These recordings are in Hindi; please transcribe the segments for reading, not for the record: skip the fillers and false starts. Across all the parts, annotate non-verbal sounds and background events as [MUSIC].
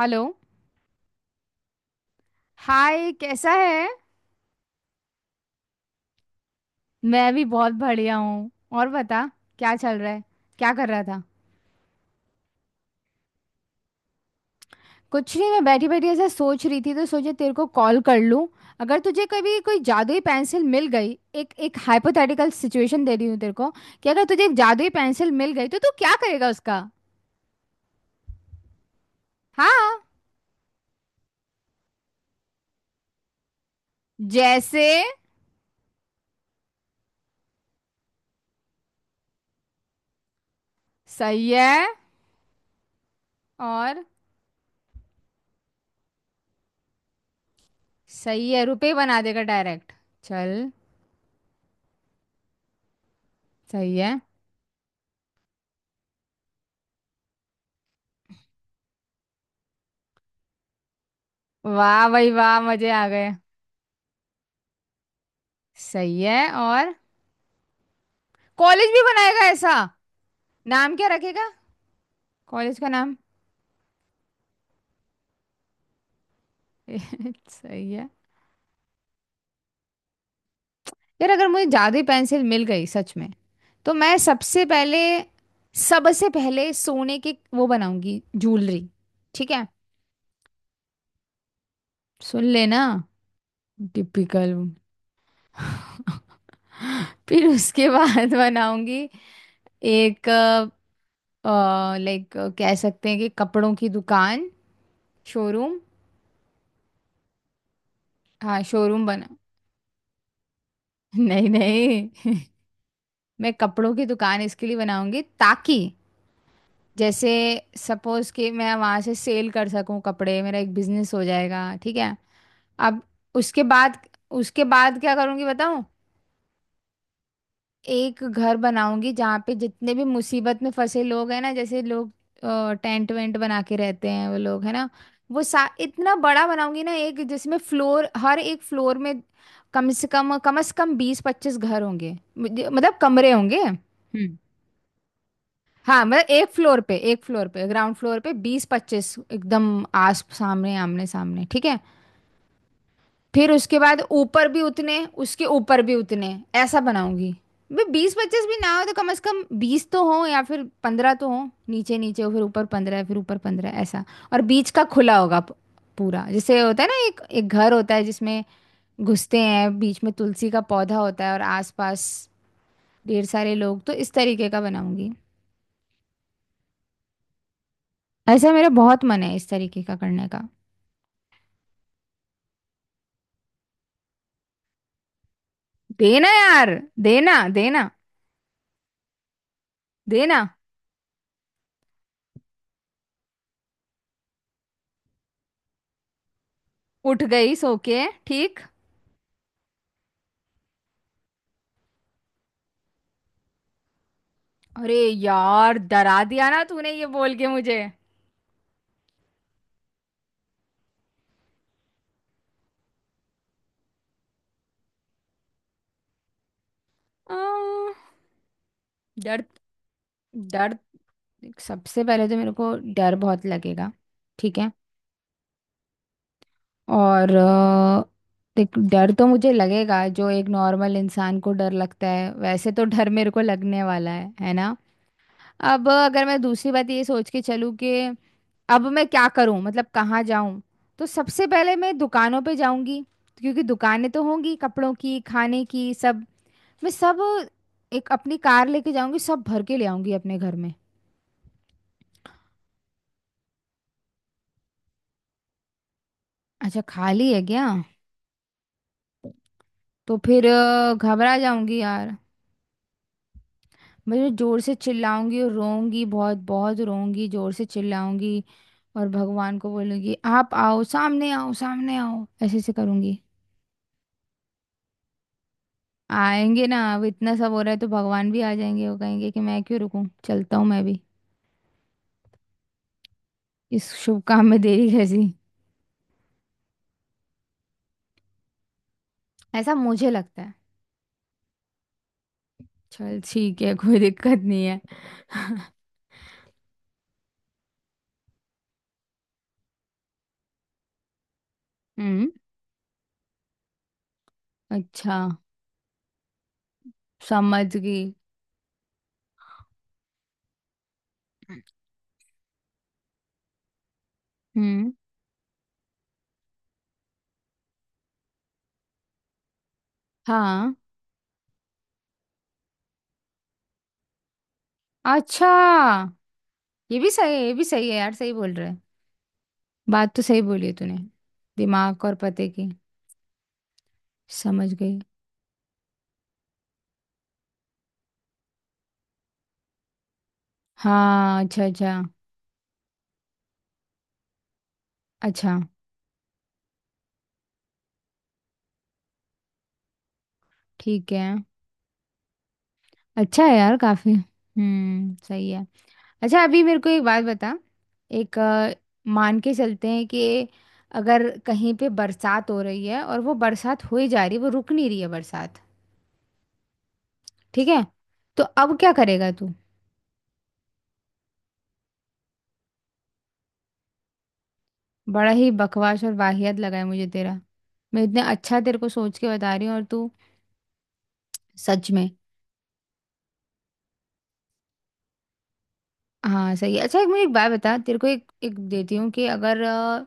हेलो। हाय, कैसा है? मैं भी बहुत बढ़िया हूँ। और बता, क्या चल रहा है? क्या कर रहा था? कुछ नहीं, मैं बैठी बैठी ऐसा सोच रही थी तो सोचे तेरे को कॉल कर लूँ। अगर तुझे कभी कोई जादुई पेंसिल मिल गई, एक एक हाइपोथेटिकल सिचुएशन दे रही हूँ तेरे को, कि अगर तुझे एक जादुई पेंसिल मिल गई तो तू क्या करेगा उसका? हाँ। जैसे? सही है। और? सही है, रुपए बना देगा डायरेक्ट। चल। सही है। वाह भाई वाह, मजे आ गए। सही है। और? कॉलेज भी बनाएगा ऐसा? नाम क्या रखेगा? कॉलेज का नाम? [LAUGHS] सही है। यार अगर मुझे जादुई पेंसिल मिल गई सच में, तो मैं सबसे पहले सोने के वो बनाऊंगी, ज्वेलरी। ठीक है। सुन लेना, टिपिकल। [LAUGHS] फिर उसके बाद बनाऊंगी एक, लाइक कह सकते हैं कि कपड़ों की दुकान, शोरूम। हाँ, शोरूम बना। [LAUGHS] नहीं नहीं। [LAUGHS] मैं कपड़ों की दुकान इसके लिए बनाऊंगी ताकि, जैसे सपोज कि मैं वहां से सेल कर सकूं कपड़े, मेरा एक बिजनेस हो जाएगा। ठीक है। अब उसके बाद, क्या करूंगी बताऊं? एक घर बनाऊंगी जहाँ पे जितने भी मुसीबत में फंसे लोग हैं ना, जैसे लोग टेंट वेंट बना के रहते हैं वो लोग, है ना। वो सा इतना बड़ा बनाऊंगी ना एक, जिसमें फ्लोर हर एक फ्लोर में कम से कम 20-25 घर होंगे, मतलब कमरे होंगे। हम्म। हाँ मतलब एक फ्लोर पे, एक फ्लोर पे ग्राउंड फ्लोर पे 20-25 एकदम आस सामने, आमने सामने। ठीक है। फिर उसके बाद ऊपर भी उतने, उसके ऊपर भी उतने, ऐसा बनाऊंगी। भाई 20-25 भी ना हो तो कम से कम 20 तो हो, या फिर 15 तो हो नीचे, नीचे हो फिर ऊपर 15 फिर ऊपर 15 ऐसा और बीच का खुला होगा पूरा। जैसे होता है ना एक एक घर होता है जिसमें घुसते हैं, बीच में तुलसी का पौधा होता है और आसपास ढेर सारे लोग, तो इस तरीके का बनाऊंगी। ऐसा मेरा बहुत मन है इस तरीके का करने का। देना यार, देना देना। देना। उठ गई सो के, ठीक। अरे यार डरा दिया ना तूने ये बोल के मुझे। आ, डर, डर। सबसे पहले तो मेरे को डर बहुत लगेगा। ठीक है। और देख डर तो मुझे लगेगा, जो एक नॉर्मल इंसान को डर लगता है वैसे तो डर मेरे को लगने वाला है ना। अब अगर मैं दूसरी बात ये सोच के चलूँ कि अब मैं क्या करूं, मतलब कहाँ जाऊं, तो सबसे पहले मैं दुकानों पे जाऊंगी। क्योंकि दुकानें तो होंगी कपड़ों की, खाने की, सब। मैं सब एक अपनी कार लेके जाऊंगी, सब भर के ले आऊंगी अपने घर में। अच्छा खाली है क्या? तो फिर घबरा जाऊंगी यार। मैं जोर से चिल्लाऊंगी और रोऊंगी, बहुत बहुत रोऊंगी, जोर से चिल्लाऊंगी। और भगवान को बोलूंगी, आप आओ सामने, आओ सामने आओ, ऐसे ऐसे करूंगी। आएंगे ना, अब इतना सब हो रहा है तो भगवान भी आ जाएंगे, वो कहेंगे कि मैं क्यों रुकूं, चलता हूँ मैं भी, इस शुभ काम में देरी कैसी। ऐसा मुझे लगता है। चल ठीक है, कोई दिक्कत नहीं है। [LAUGHS] हम्म। अच्छा, समझ गई। हम्म। हाँ अच्छा। ये भी सही है, ये भी सही है यार, सही बोल रहे है। बात तो सही बोली है तूने, दिमाग और पते की। समझ गई। हाँ अच्छा अच्छा। अच्छा ठीक है। अच्छा है यार काफी, सही है। अच्छा अभी मेरे को एक बात बता। एक मान के चलते हैं कि अगर कहीं पे बरसात हो रही है और वो बरसात हो ही जा रही है, वो रुक नहीं रही है बरसात। ठीक है। तो अब क्या करेगा तू? बड़ा ही बकवास और वाहियत लगा है मुझे तेरा। मैं इतने अच्छा तेरे को सोच के बता रही हूँ और तू, सच में। हाँ सही है। अच्छा एक मुझे एक बात बता, तेरे को एक एक देती हूँ कि अगर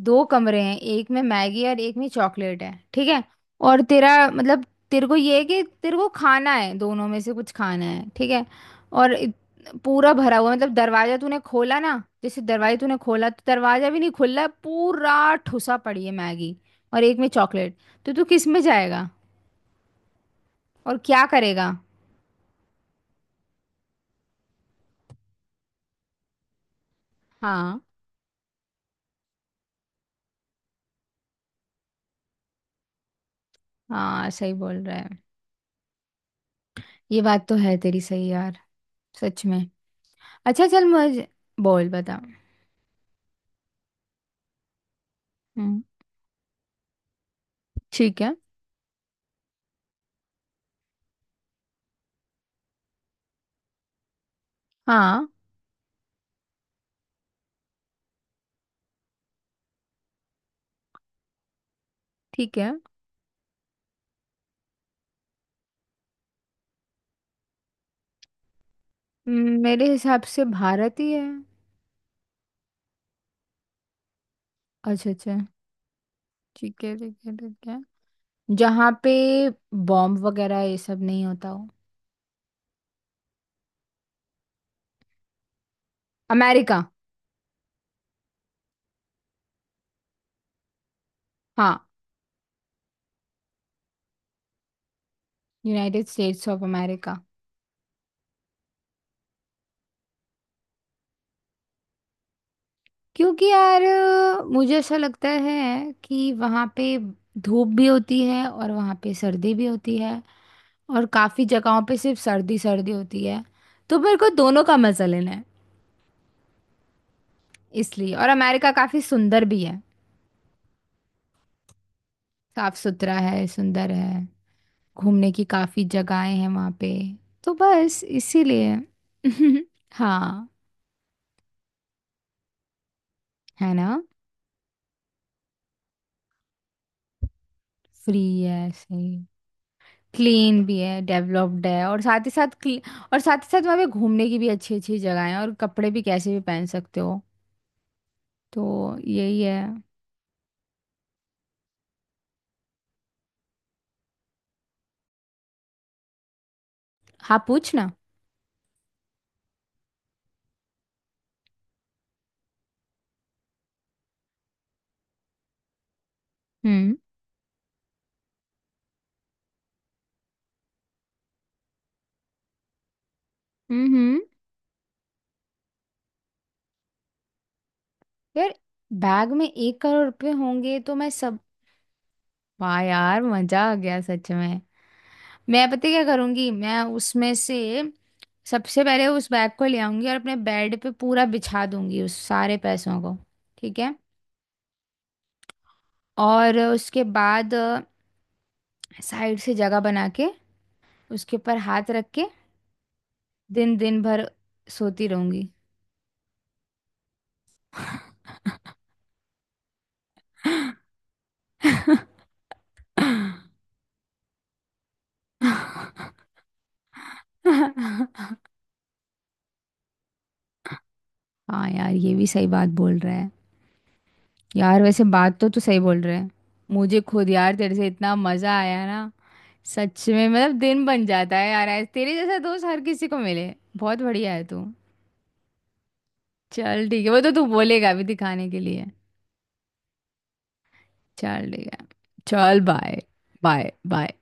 दो कमरे हैं, एक में मैगी और एक में चॉकलेट है। ठीक है। और तेरा मतलब, तेरे को ये है कि तेरे को खाना है, दोनों में से कुछ खाना है। ठीक है। और पूरा भरा हुआ मतलब, दरवाजा तूने खोला ना, जैसे दरवाजा तूने खोला तो दरवाजा भी नहीं खुल रहा, पूरा ठुसा पड़ी है मैगी, और एक में चॉकलेट। तो तू किस में जाएगा और क्या करेगा? हाँ, हाँ सही बोल रहा है। ये बात तो है तेरी सही, यार सच में। अच्छा चल मुझे, बोल बता। हम्म। ठीक है। हाँ ठीक है। मेरे हिसाब से भारत ही है। अच्छा अच्छा। ठीक है, ठीक है, ठीक है। जहाँ पे बॉम्ब वगैरह ये सब नहीं होता हो। अमेरिका। हाँ, यूनाइटेड स्टेट्स ऑफ अमेरिका। क्योंकि यार मुझे ऐसा लगता है कि वहाँ पे धूप भी होती है और वहाँ पे सर्दी भी होती है। और काफ़ी जगहों पे सिर्फ सर्दी सर्दी होती है, तो मेरे को दोनों का मजा लेना है इसलिए। और अमेरिका काफी सुंदर भी है। साफ सुथरा है, सुंदर है। घूमने की काफी जगहें हैं वहाँ पे, तो बस इसीलिए। [LAUGHS] हाँ। है ना। फ्री है, सही। क्लीन भी है, डेवलप्ड है, और साथ ही साथ और साथ ही साथ वहाँ पे घूमने की भी अच्छी अच्छी जगह है और कपड़े भी कैसे भी पहन सकते हो। तो यही है। हाँ, पूछना। हम्म हम्म हम्म। यार बैग में 1 करोड़ रुपए होंगे तो मैं सब, वाह यार मजा आ गया सच में। मैं पता है क्या करूंगी, मैं उसमें से सबसे पहले उस बैग को ले आऊंगी और अपने बेड पे पूरा बिछा दूंगी उस सारे पैसों को। ठीक है। और उसके बाद साइड से जगह बना के, उसके ऊपर हाथ रख के, दिन दिन भर सोती रहूंगी। [LAUGHS] हाँ यार, ये भी सही बात बोल रहा है। यार वैसे बात तो तू सही बोल रहा है। मुझे खुद यार तेरे से इतना मजा आया ना, सच में मतलब दिन बन जाता है यार तेरे जैसा दोस्त हर किसी को मिले, बहुत बढ़िया है तू। चल ठीक है, वो तो तू बोलेगा अभी दिखाने के लिए। चल ठीक है। चल बाय। Bye bye.